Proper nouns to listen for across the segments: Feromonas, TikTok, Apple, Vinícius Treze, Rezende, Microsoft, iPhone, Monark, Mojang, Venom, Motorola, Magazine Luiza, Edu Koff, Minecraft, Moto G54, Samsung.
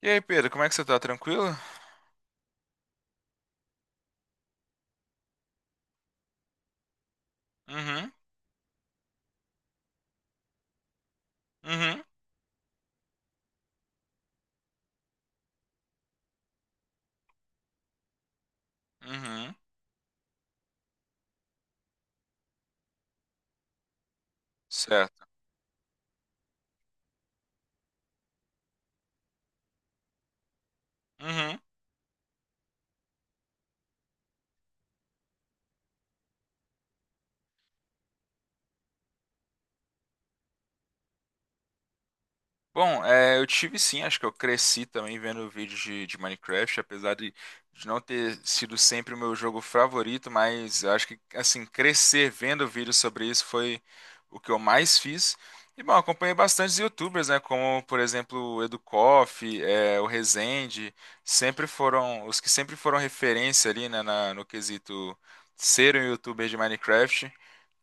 E aí, Pedro, como é que você tá? Tranquilo? Uhum, uhum, uhum, certo. Uhum. Bom, é, eu tive sim, acho que eu cresci também vendo vídeos de Minecraft, apesar de não ter sido sempre o meu jogo favorito, mas eu acho que, assim, crescer vendo vídeos sobre isso foi o que eu mais fiz. E, bom, acompanhei bastantes YouTubers, né, como, por exemplo, o Edu Koff, o Rezende, os que sempre foram referência ali, né, no quesito ser um YouTuber de Minecraft.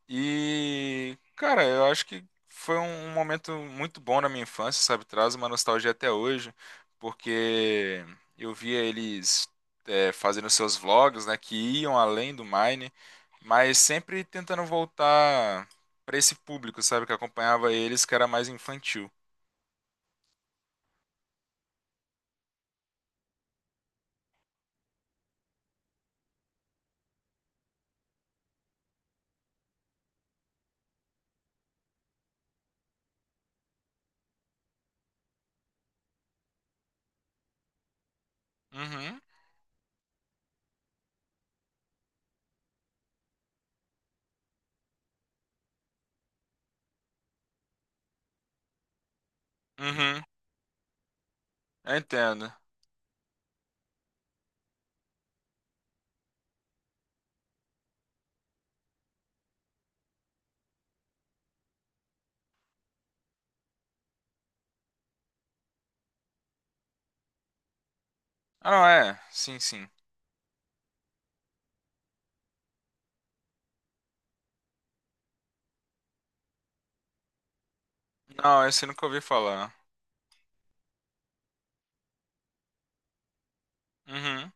E, cara, eu acho que foi um momento muito bom na minha infância, sabe? Traz uma nostalgia até hoje, porque eu via eles fazendo seus vlogs, né? Que iam além do Mine, mas sempre tentando voltar pra esse público, sabe? Que acompanhava eles, que era mais infantil. Uhum, uhum, eu entendo. Ah, não, é, sim, sim. Não, esse eu nunca ouvi falar. Uhum,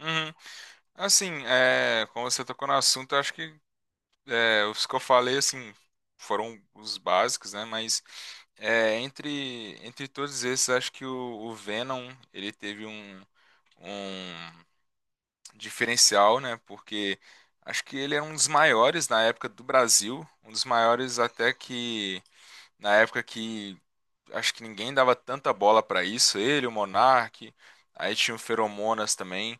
uhum. Assim, é, como você tocou no assunto, eu acho que os que eu falei, assim, foram os básicos, né? Mas é, entre todos esses, acho que o Venom, ele teve um diferencial, né? Porque acho que ele era um dos maiores na época do Brasil, um dos maiores até que, na época que, acho que ninguém dava tanta bola pra isso, ele, o Monark, aí tinha o Feromonas também.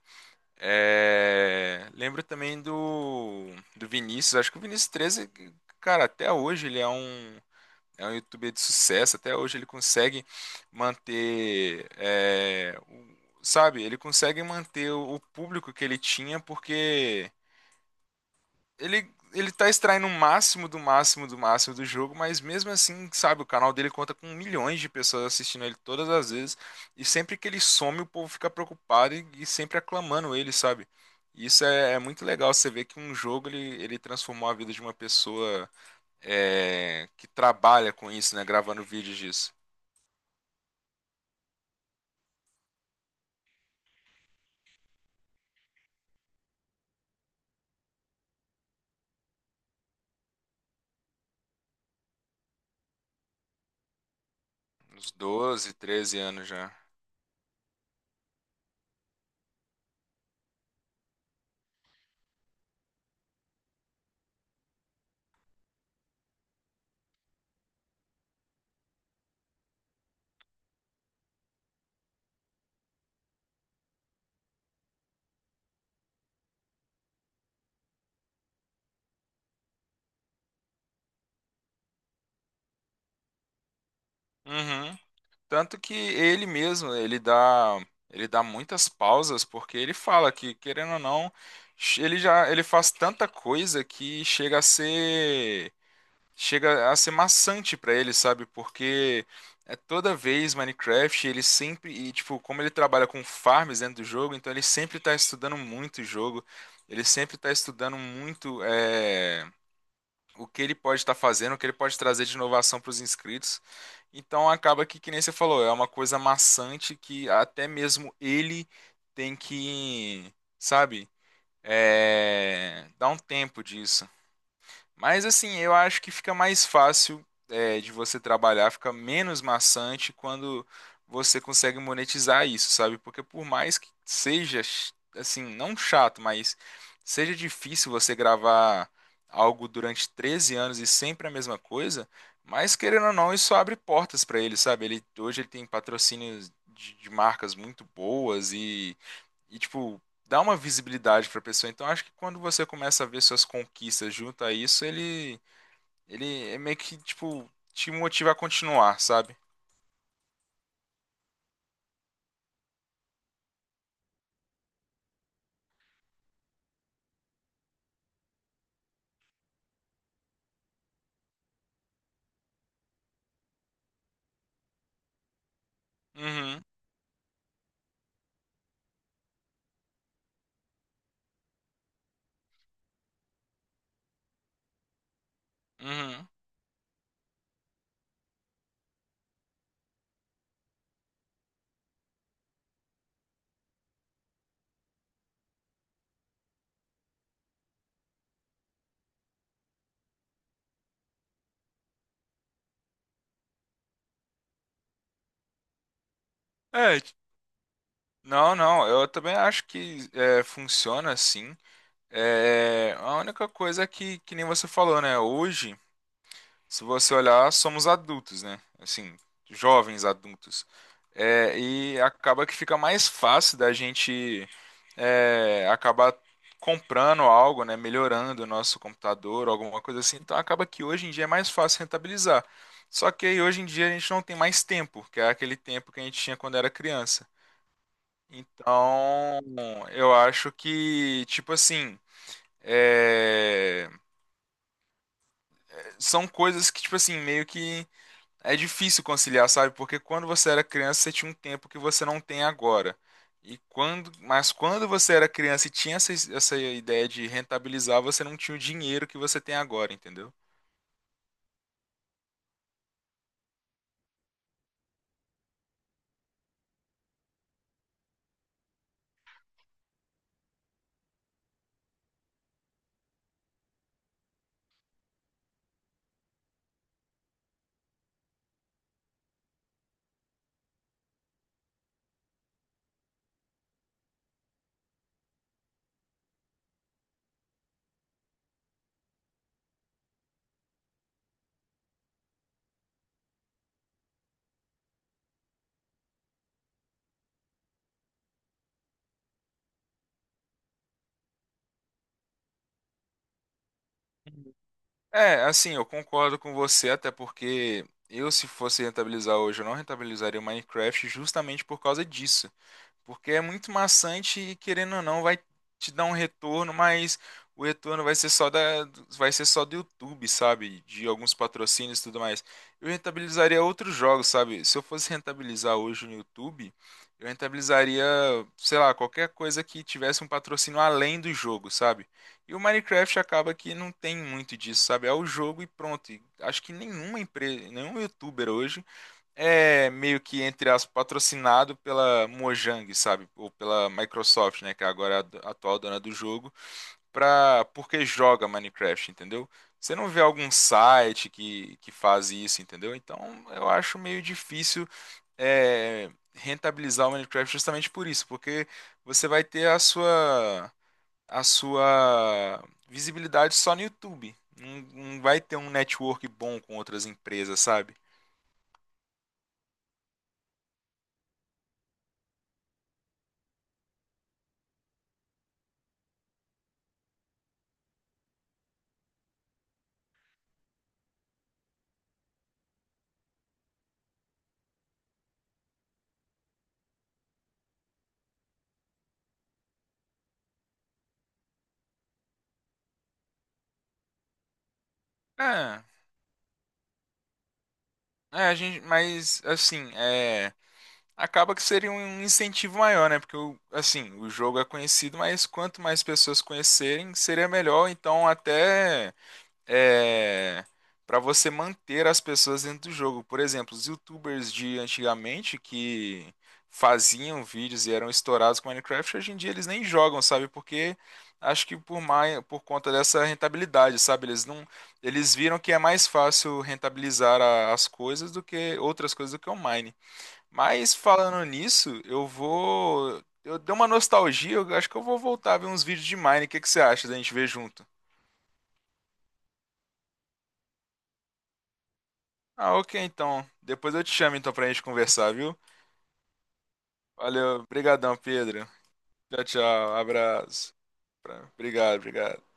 Lembro também do Vinícius. Acho que o Vinícius 13, cara, até hoje ele é um, youtuber de sucesso. Até hoje ele consegue manter, sabe, ele consegue manter o público que ele tinha, porque ele tá extraindo o máximo do máximo do máximo do jogo, mas mesmo assim, sabe, o canal dele conta com milhões de pessoas assistindo ele todas as vezes, e sempre que ele some, o povo fica preocupado e sempre aclamando ele, sabe? E isso é muito legal, você vê que um jogo, ele transformou a vida de uma pessoa que trabalha com isso, né? Gravando vídeos disso. Uns 12, 13 anos já. Uhum. Tanto que ele mesmo, ele dá muitas pausas, porque ele fala que, querendo ou não, ele faz tanta coisa que chega a ser maçante pra ele, sabe? Porque é toda vez Minecraft, ele sempre, e tipo, como ele trabalha com farms dentro do jogo, então ele sempre tá estudando muito o jogo, ele sempre tá estudando muito, o que ele pode estar fazendo, o que ele pode trazer de inovação para os inscritos. Então acaba que nem você falou, é uma coisa maçante que até mesmo ele tem que, sabe, dar um tempo disso. Mas assim, eu acho que fica mais fácil é, de você trabalhar, fica menos maçante quando você consegue monetizar isso, sabe? Porque por mais que seja assim, não chato, mas seja difícil você gravar algo durante 13 anos e sempre a mesma coisa, mas querendo ou não, isso abre portas para ele, sabe? Ele hoje ele tem patrocínios de marcas muito boas e, tipo, dá uma visibilidade pra pessoa. Então, acho que quando você começa a ver suas conquistas junto a isso, ele, é meio que, tipo, te motiva a continuar, sabe? Uhum, uhum. É, não, não, eu também acho que é, funciona assim. É, a única coisa é que nem você falou, né? Hoje, se você olhar, somos adultos, né? Assim, jovens adultos. É, e acaba que fica mais fácil da gente acabar comprando algo, né? Melhorando o nosso computador, alguma coisa assim. Então acaba que hoje em dia é mais fácil rentabilizar. Só que aí hoje em dia a gente não tem mais tempo, que é aquele tempo que a gente tinha quando era criança. Então, eu acho que, tipo assim, é, são coisas que, tipo assim, meio que é difícil conciliar, sabe? Porque quando você era criança, você tinha um tempo que você não tem agora. E quando, mas quando você era criança e tinha essa, ideia de rentabilizar, você não tinha o dinheiro que você tem agora, entendeu? É, assim, eu concordo com você, até porque eu, se fosse rentabilizar hoje, eu não rentabilizaria o Minecraft justamente por causa disso. Porque é muito maçante e querendo ou não vai te dar um retorno, mas o retorno vai ser só da vai ser só do YouTube, sabe? De alguns patrocínios e tudo mais. Eu rentabilizaria outros jogos, sabe? Se eu fosse rentabilizar hoje no YouTube, eu rentabilizaria, sei lá, qualquer coisa que tivesse um patrocínio além do jogo, sabe? E o Minecraft acaba que não tem muito disso, sabe? É o jogo e pronto. E acho que nenhuma empresa, nenhum youtuber hoje é meio que, entre aspas, patrocinado pela Mojang, sabe? Ou pela Microsoft, né? Que é agora a atual dona do jogo, pra... porque joga Minecraft, entendeu? Você não vê algum site que faz isso, entendeu? Então eu acho meio difícil rentabilizar o Minecraft justamente por isso, porque você vai ter a sua visibilidade só no YouTube. Não, não vai ter um network bom com outras empresas, sabe? É, a gente, mas assim, é, acaba que seria um incentivo maior, né? Porque assim, o jogo é conhecido, mas quanto mais pessoas conhecerem, seria melhor. Então, até é, para você manter as pessoas dentro do jogo. Por exemplo, os YouTubers de antigamente que faziam vídeos e eram estourados com Minecraft, hoje em dia eles nem jogam, sabe? Porque acho que por mais, por conta dessa rentabilidade, sabe? Eles não, eles viram que é mais fácil rentabilizar as coisas do que outras coisas do que o Mine. Mas falando nisso, eu vou. Eu dei uma nostalgia, eu acho que eu vou voltar a ver uns vídeos de Mine. O que que você acha da gente ver junto? Ah, ok, então. Depois eu te chamo então pra gente conversar, viu? Valeu, brigadão, Pedro. Tchau, tchau, abraço. Pra- obrigado, obrigado.